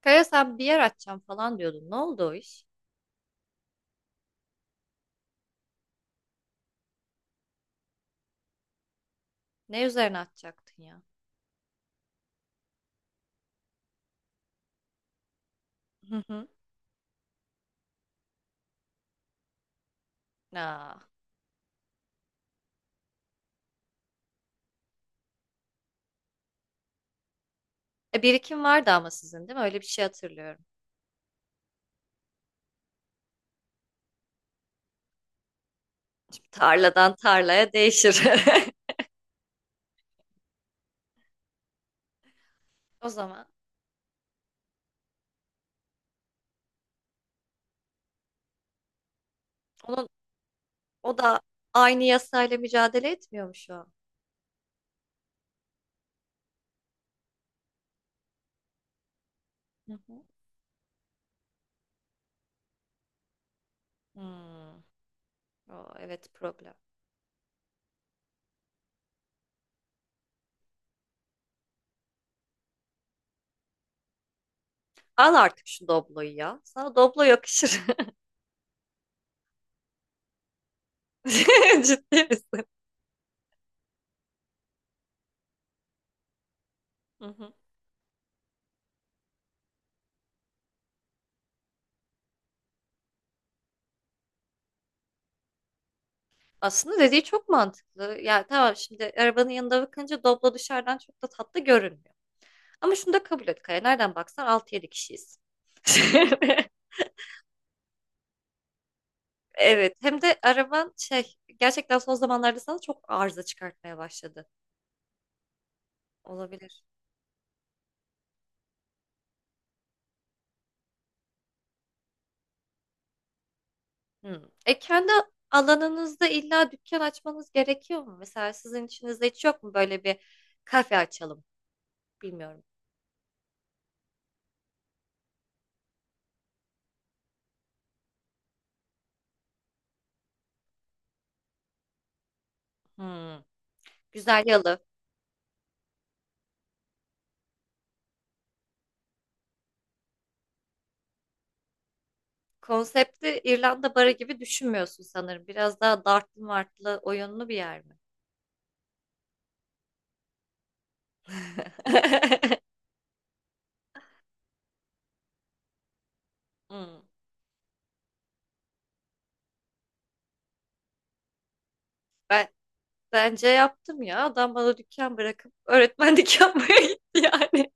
Kaya sen bir yer açacağım falan diyordun. Ne oldu o iş? Ne üzerine açacaktın ya? Hı hı. Aa. Birikim vardı ama sizin değil mi? Öyle bir şey hatırlıyorum. Tarladan tarlaya değişir. O zaman onun o da aynı yasayla mücadele etmiyor mu şu an? Hı hı. Hmm. O, evet problem. Al artık şu Doblo'yu ya. Sana Doblo yakışır. Ciddi misin? Hı hı. Aslında dediği çok mantıklı. Ya tamam, şimdi arabanın yanında bakınca Doblo dışarıdan çok da tatlı görünmüyor. Ama şunu da kabul et Kaya. Nereden baksan altı yedi kişiyiz. Evet. Hem de araban şey gerçekten son zamanlarda sana çok arıza çıkartmaya başladı. Olabilir. Hmm. E kendi alanınızda illa dükkan açmanız gerekiyor mu? Mesela sizin içinizde hiç yok mu böyle bir kafe açalım? Bilmiyorum. Hmm. Güzel yalı. Konsepti İrlanda barı gibi düşünmüyorsun sanırım. Biraz daha dartlı martlı oyunlu bir yer mi? Hmm. Ben Bence yaptım ya. Adam bana dükkan bırakıp öğretmenlik yapmaya gitti yani.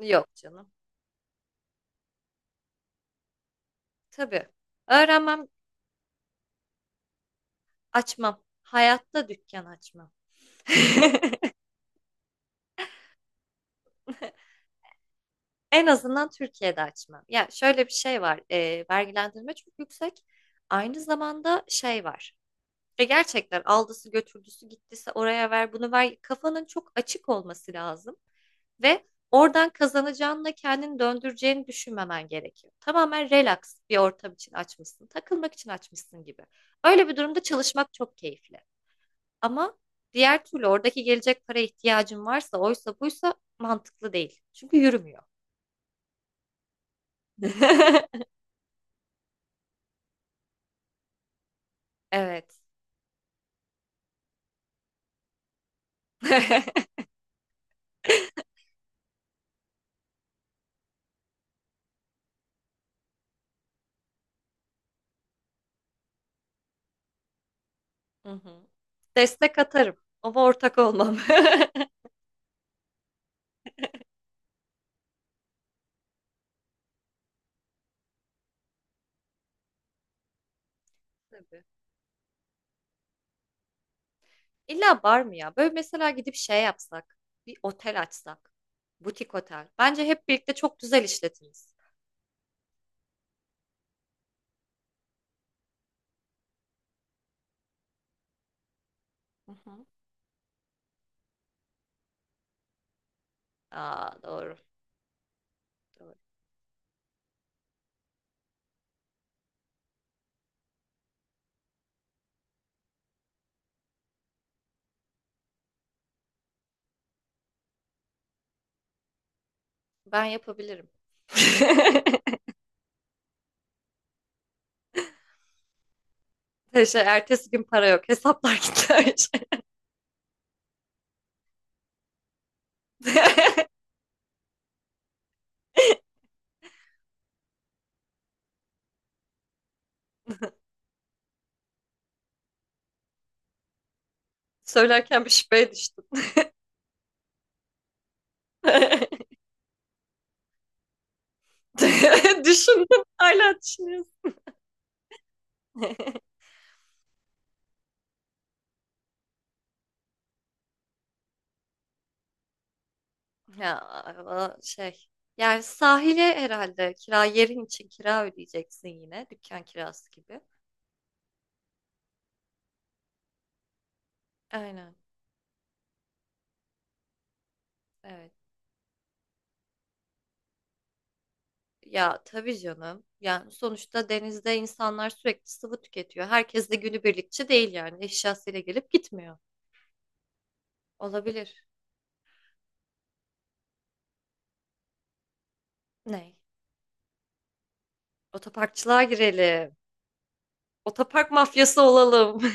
Yok canım. Tabii. Öğrenmem, açmam. Hayatta dükkan açmam. En azından Türkiye'de açmam. Ya şöyle bir şey var. Vergilendirme çok yüksek. Aynı zamanda şey var. Gerçekten aldısı götürdüsü gittisi, oraya ver bunu ver. Kafanın çok açık olması lazım. Ve oradan kazanacağınla kendini döndüreceğini düşünmemen gerekiyor. Tamamen relax bir ortam için açmışsın, takılmak için açmışsın gibi. Öyle bir durumda çalışmak çok keyifli. Ama diğer türlü oradaki gelecek para ihtiyacın varsa, oysa buysa mantıklı değil. Çünkü yürümüyor. Evet. Hı hı. Destek atarım ama ortak olmam. Tabii. İlla bar mı ya? Böyle mesela gidip şey yapsak, bir otel açsak, butik otel. Bence hep birlikte çok güzel işletiriz. Hı hı. Aa, doğru. Doğru. Ben yapabilirim. Şey, ertesi gün para yok. Hesaplar gitti her şey. Söylerken bir şüpheye düştüm. Düşündüm. Hala düşünüyorsun. Ya o şey. Yani sahile herhalde kira, yerin için kira ödeyeceksin yine. Dükkan kirası gibi. Aynen. Evet. Ya tabii canım. Yani sonuçta denizde insanlar sürekli sıvı tüketiyor. Herkes de günübirlikçi değil yani. Eşyasıyla gelip gitmiyor. Olabilir. Ney? Otoparkçılığa girelim. Otopark mafyası olalım.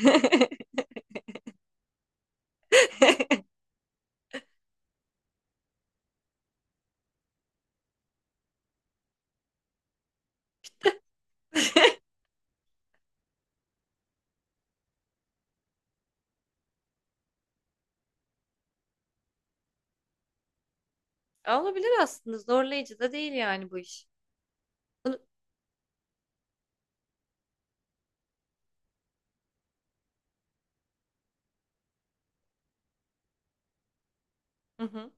Olabilir aslında. Zorlayıcı da değil yani bu iş. Bunu- Hı hı.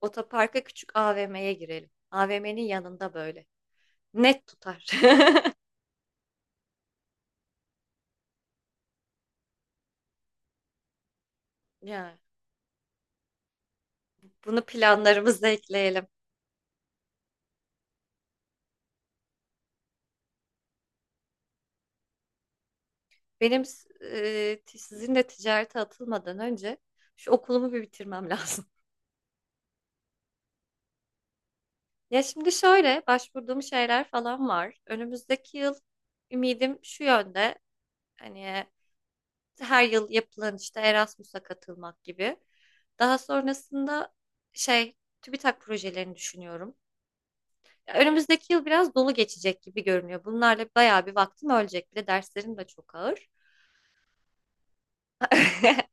Otoparka küçük AVM'ye girelim. AVM'nin yanında böyle. Net tutar. Yani bunu planlarımıza ekleyelim. Sizinle ticarete atılmadan önce şu okulumu bir bitirmem lazım. Ya şimdi şöyle başvurduğum şeyler falan var. Önümüzdeki yıl ümidim şu yönde. Hani her yıl yapılan işte Erasmus'a katılmak gibi. Daha sonrasında şey TÜBİTAK projelerini düşünüyorum. Ya önümüzdeki yıl biraz dolu geçecek gibi görünüyor. Bunlarla bayağı bir vaktim ölecek. Bir de derslerim de çok ağır.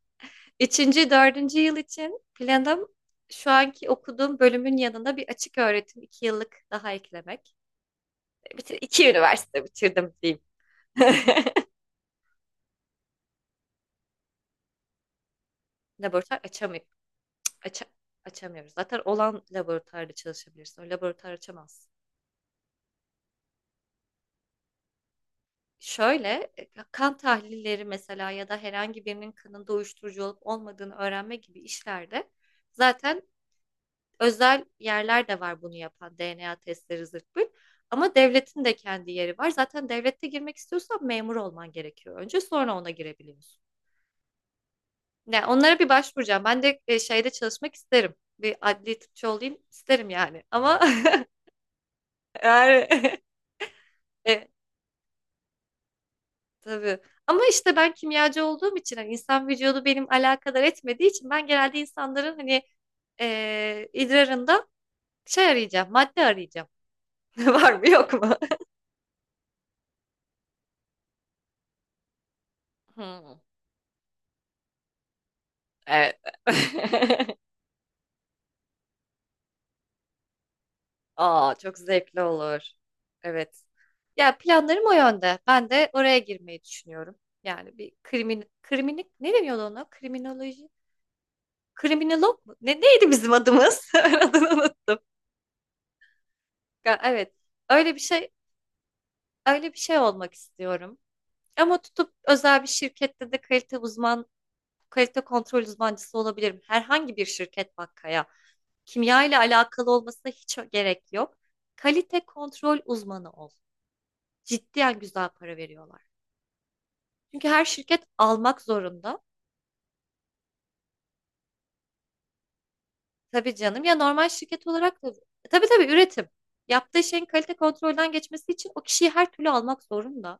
Üçüncü, dördüncü yıl için planım şu anki okuduğum bölümün yanında bir açık öğretim iki yıllık daha eklemek. Bitir, iki üniversite bitirdim diyeyim. Laboratuvar açamıyor. aça- açamıyoruz. Zaten olan laboratuvarda çalışabilirsin. O laboratuvar açamaz. Şöyle kan tahlilleri mesela, ya da herhangi birinin kanında uyuşturucu olup olmadığını öğrenme gibi işlerde zaten özel yerler de var bunu yapan, DNA testleri zırt pırt. Ama devletin de kendi yeri var. Zaten devlette girmek istiyorsan memur olman gerekiyor. Önce, sonra ona girebiliyorsun. Yani onlara bir başvuracağım. Ben de şeyde çalışmak isterim. Bir adli tıpçı olayım isterim yani. Ama yani e, tabii. Ama işte ben kimyacı olduğum için hani insan vücudu benim alakadar etmediği için ben genelde insanların hani idrarında şey arayacağım, madde arayacağım. Var mı yok mu? Hmm. Evet. Aa, çok zevkli olur. Evet. Ya planlarım o yönde. Ben de oraya girmeyi düşünüyorum. Yani bir kriminik ne deniyordu ona? Kriminoloji. Kriminolog mu? Ne neydi bizim adımız? Ben adını unuttum. Ya, evet. Öyle bir şey Öyle bir şey olmak istiyorum. Ama tutup özel bir şirkette de kalite kontrol uzmancısı olabilirim. Herhangi bir şirket bakkaya. Kimya ile alakalı olmasına hiç gerek yok. Kalite kontrol uzmanı ol. Ciddiyen güzel para veriyorlar. Çünkü her şirket almak zorunda. Tabii canım, ya normal şirket olarak da tabii üretim. Yaptığı şeyin kalite kontrolden geçmesi için o kişiyi her türlü almak zorunda.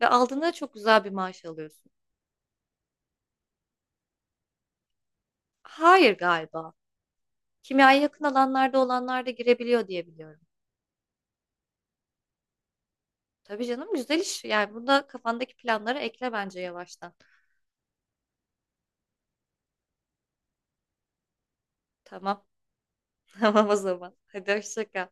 Ve aldığında da çok güzel bir maaş alıyorsun. Hayır galiba. Kimyaya yakın alanlarda olanlar da girebiliyor diye biliyorum. Tabii canım güzel iş. Yani bunda kafandaki planları ekle bence yavaştan. Tamam. Tamam o zaman. Hadi hoşça kal.